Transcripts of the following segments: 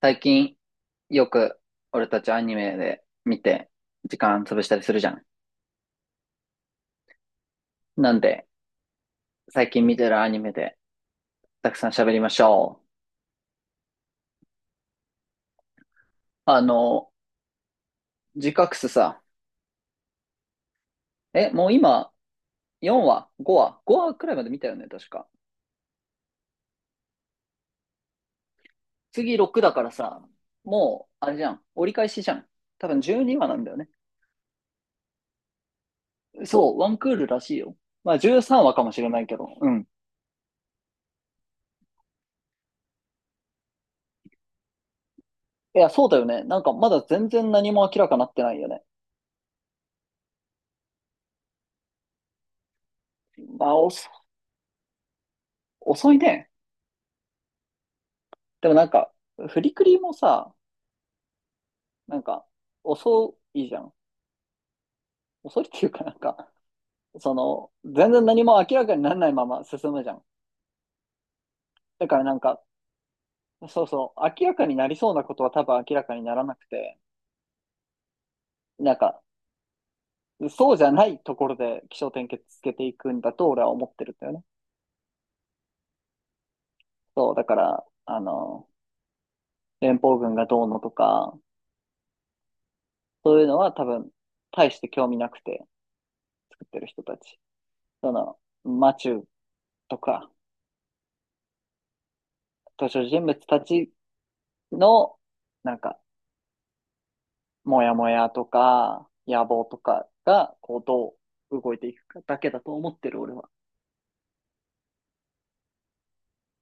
最近よく俺たちアニメで見て時間潰したりするじゃん。なんで最近見てるアニメでたくさん喋りましょう。ジカクスさ、もう今4話、5話くらいまで見たよね、確か。次6だからさ、もうあれじゃん、折り返しじゃん。多分12話なんだよね。そう、ワンクールらしいよ。まあ13話かもしれないけど、うん。いや、そうだよね。なんかまだ全然何も明らかになってないよね。まあ、遅いね。でもなんか、フリクリもさ、なんか、遅いじゃん。遅いっていうかなんか、その、全然何も明らかにならないまま進むじゃん。だからなんか、そうそう、明らかになりそうなことは多分明らかにならなくて、なんか、そうじゃないところで起承転結つけていくんだと俺は思ってるんだよね。そう、だから、連邦軍がどうのとか、そういうのは多分、大して興味なくて作ってる人たち。その、マチューとか、登場人物たちの、なんか、もやもやとか、野望とかが、こう、どう動いていくかだけだと思ってる、俺は。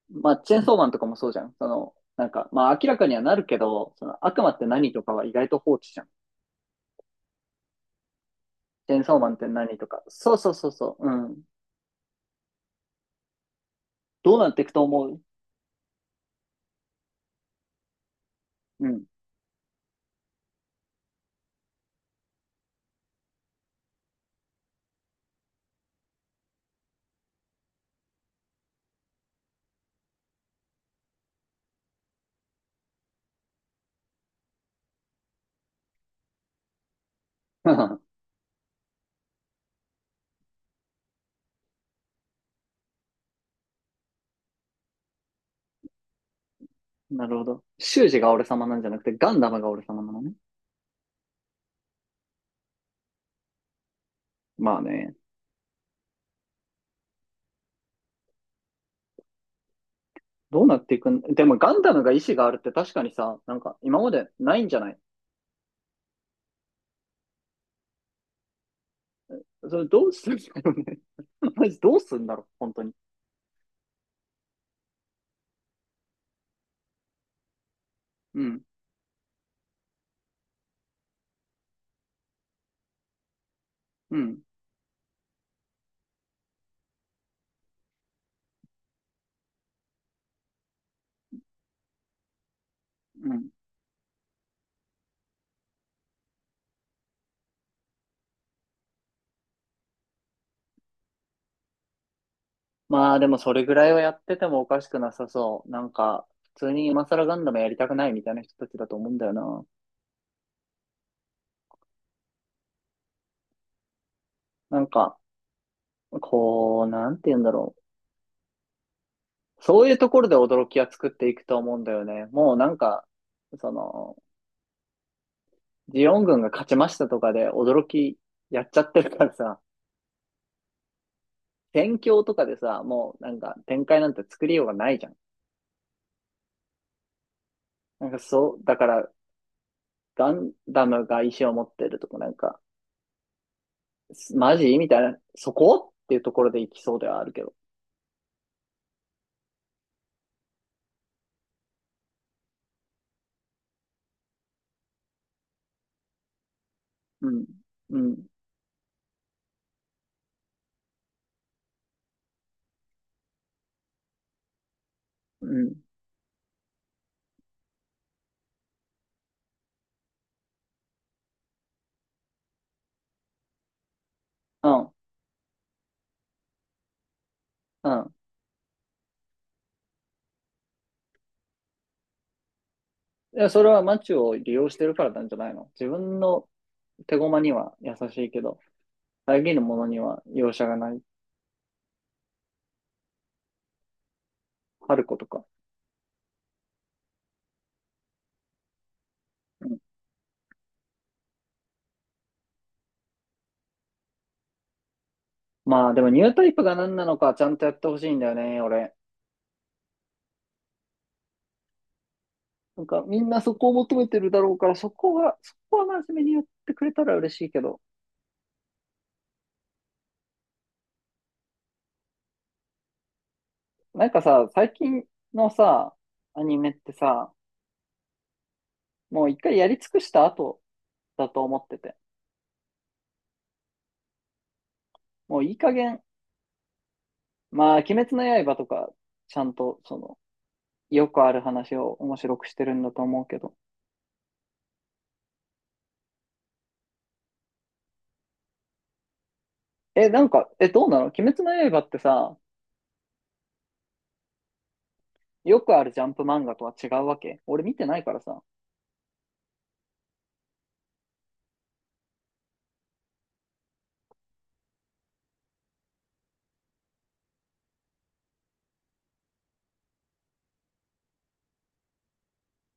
まあ、チェーンソーマンとかもそうじゃん。その、なんか、まあ、明らかにはなるけど、その、悪魔って何とかは意外と放置じゃん。チェーンソーマンって何とか。そうそうそうそう。うん。どうなっていくと思う？うん。なるほど。修士が俺様なんじゃなくて、ガンダムが俺様なのね。まあね。どうなっていくん、でもガンダムが意志があるって確かにさ、なんか今までないんじゃない？それどうするんだろうね。マジどうするんだろう、本当に。うん、うん、うん。まあでもそれぐらいはやっててもおかしくなさそう。なんか、普通に今更ガンダムやりたくないみたいな人たちだと思うんだよな。なんか、こう、なんて言うんだろう。そういうところで驚きは作っていくと思うんだよね。もうなんか、その、ジオン軍が勝ちましたとかで驚きやっちゃってるからさ、戦況とかでさ、もうなんか展開なんて作りようがないじゃん。なんかそう、だからガンダムが石を持ってるとこなんか、マジみたいな、そこっていうところで行きそうではあるけど。うん。うん。うん。うん。うん。いや、それは街を利用してるからなんじゃないの？自分の手駒には優しいけど、遮るものには容赦がない。春子とか。うん。まあでもニュータイプが何なのかちゃんとやってほしいんだよね、俺。なんかみんなそこを求めてるだろうから、そこは真面目にやってくれたら嬉しいけど。なんかさ、最近のさ、アニメってさ、もう一回やり尽くした後だと思ってて。もういい加減、まあ、鬼滅の刃とか、ちゃんと、その、よくある話を面白くしてるんだと思うけど。なんか、どうなの鬼滅の刃ってさ、よくあるジャンプ漫画とは違うわけ？俺見てないからさ。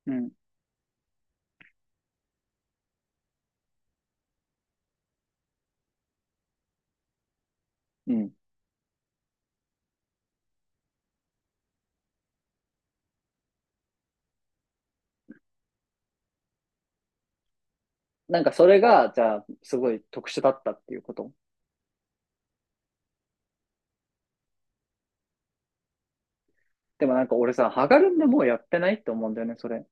うん。うん。なんかそれが、じゃあ、すごい特殊だったっていうこと？でもなんか俺さ、ハガルンでもうやってないって思うんだよね、それ。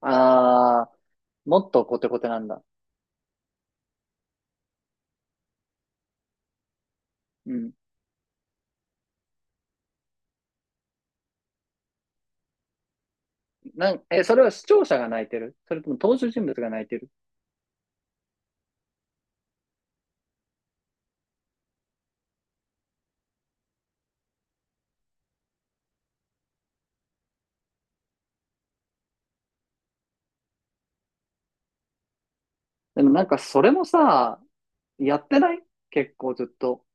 あー、もっとコテコテなんだ。うん。なんえ、それは視聴者が泣いてる？それとも登場人物が泣いてる？でもなんかそれもさ、やってない？結構ずっと。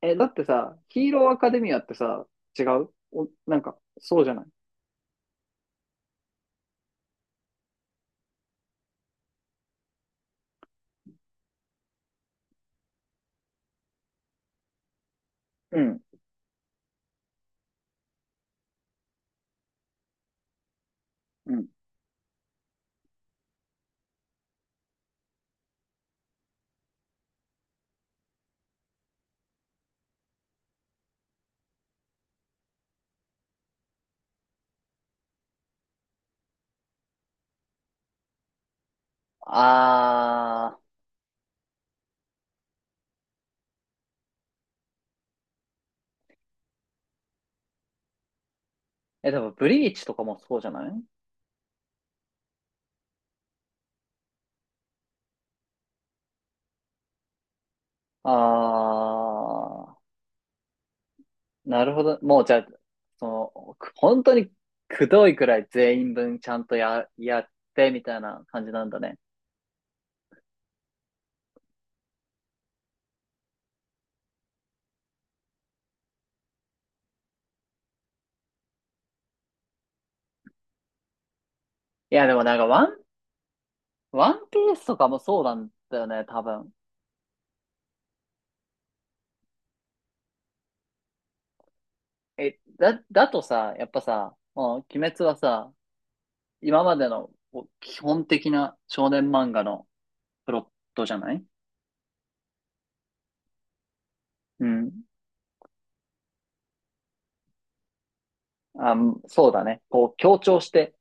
だってさ、ヒーローアカデミアってさ、違うお、なんか、そうじゃない？うん、うん。あー、でもブリーチとかもそうじゃない？あー、なるほど。もうじゃあ、その、本当にくどいくらい全員分ちゃんとやってみたいな感じなんだね。いや、でもなんかワンピースとかもそうなんだよね、多分。だとさ、やっぱさ、もう鬼滅はさ、今までのこう基本的な少年漫画のプロットじゃない？うん。あ、そうだね。こう強調して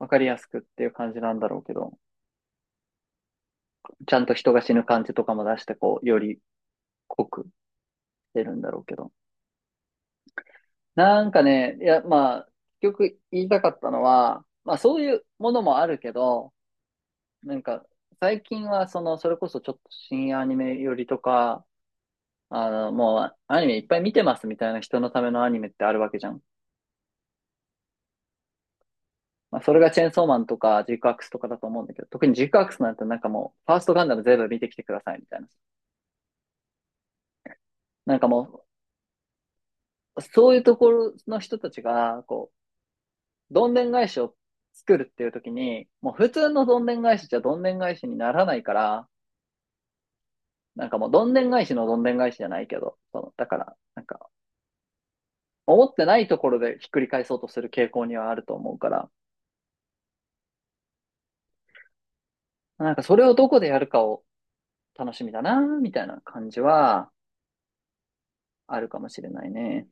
わかりやすくっていう感じなんだろうけど、ちゃんと人が死ぬ感じとかも出して、こう、より濃く出るんだろうけど。なんかね、いや、まあ、結局言いたかったのは、まあそういうものもあるけど、なんか、最近は、その、それこそちょっと新アニメよりとか、もう、アニメいっぱい見てますみたいな人のためのアニメってあるわけじゃん。まあ、それがチェーンソーマンとか、ジークアクスとかだと思うんだけど、特にジークアクスなんてなんかもう、ファーストガンダム全部見てきてくださいみたいな。なんかもう、そういうところの人たちが、こう、どんでん返しを作るっていう時に、もう普通のどんでん返しじゃどんでん返しにならないから、なんかもうどんでん返しのどんでん返しじゃないけど、その、だから、なんか、思ってないところでひっくり返そうとする傾向にはあると思うから、なんかそれをどこでやるかを楽しみだな、みたいな感じはあるかもしれないね。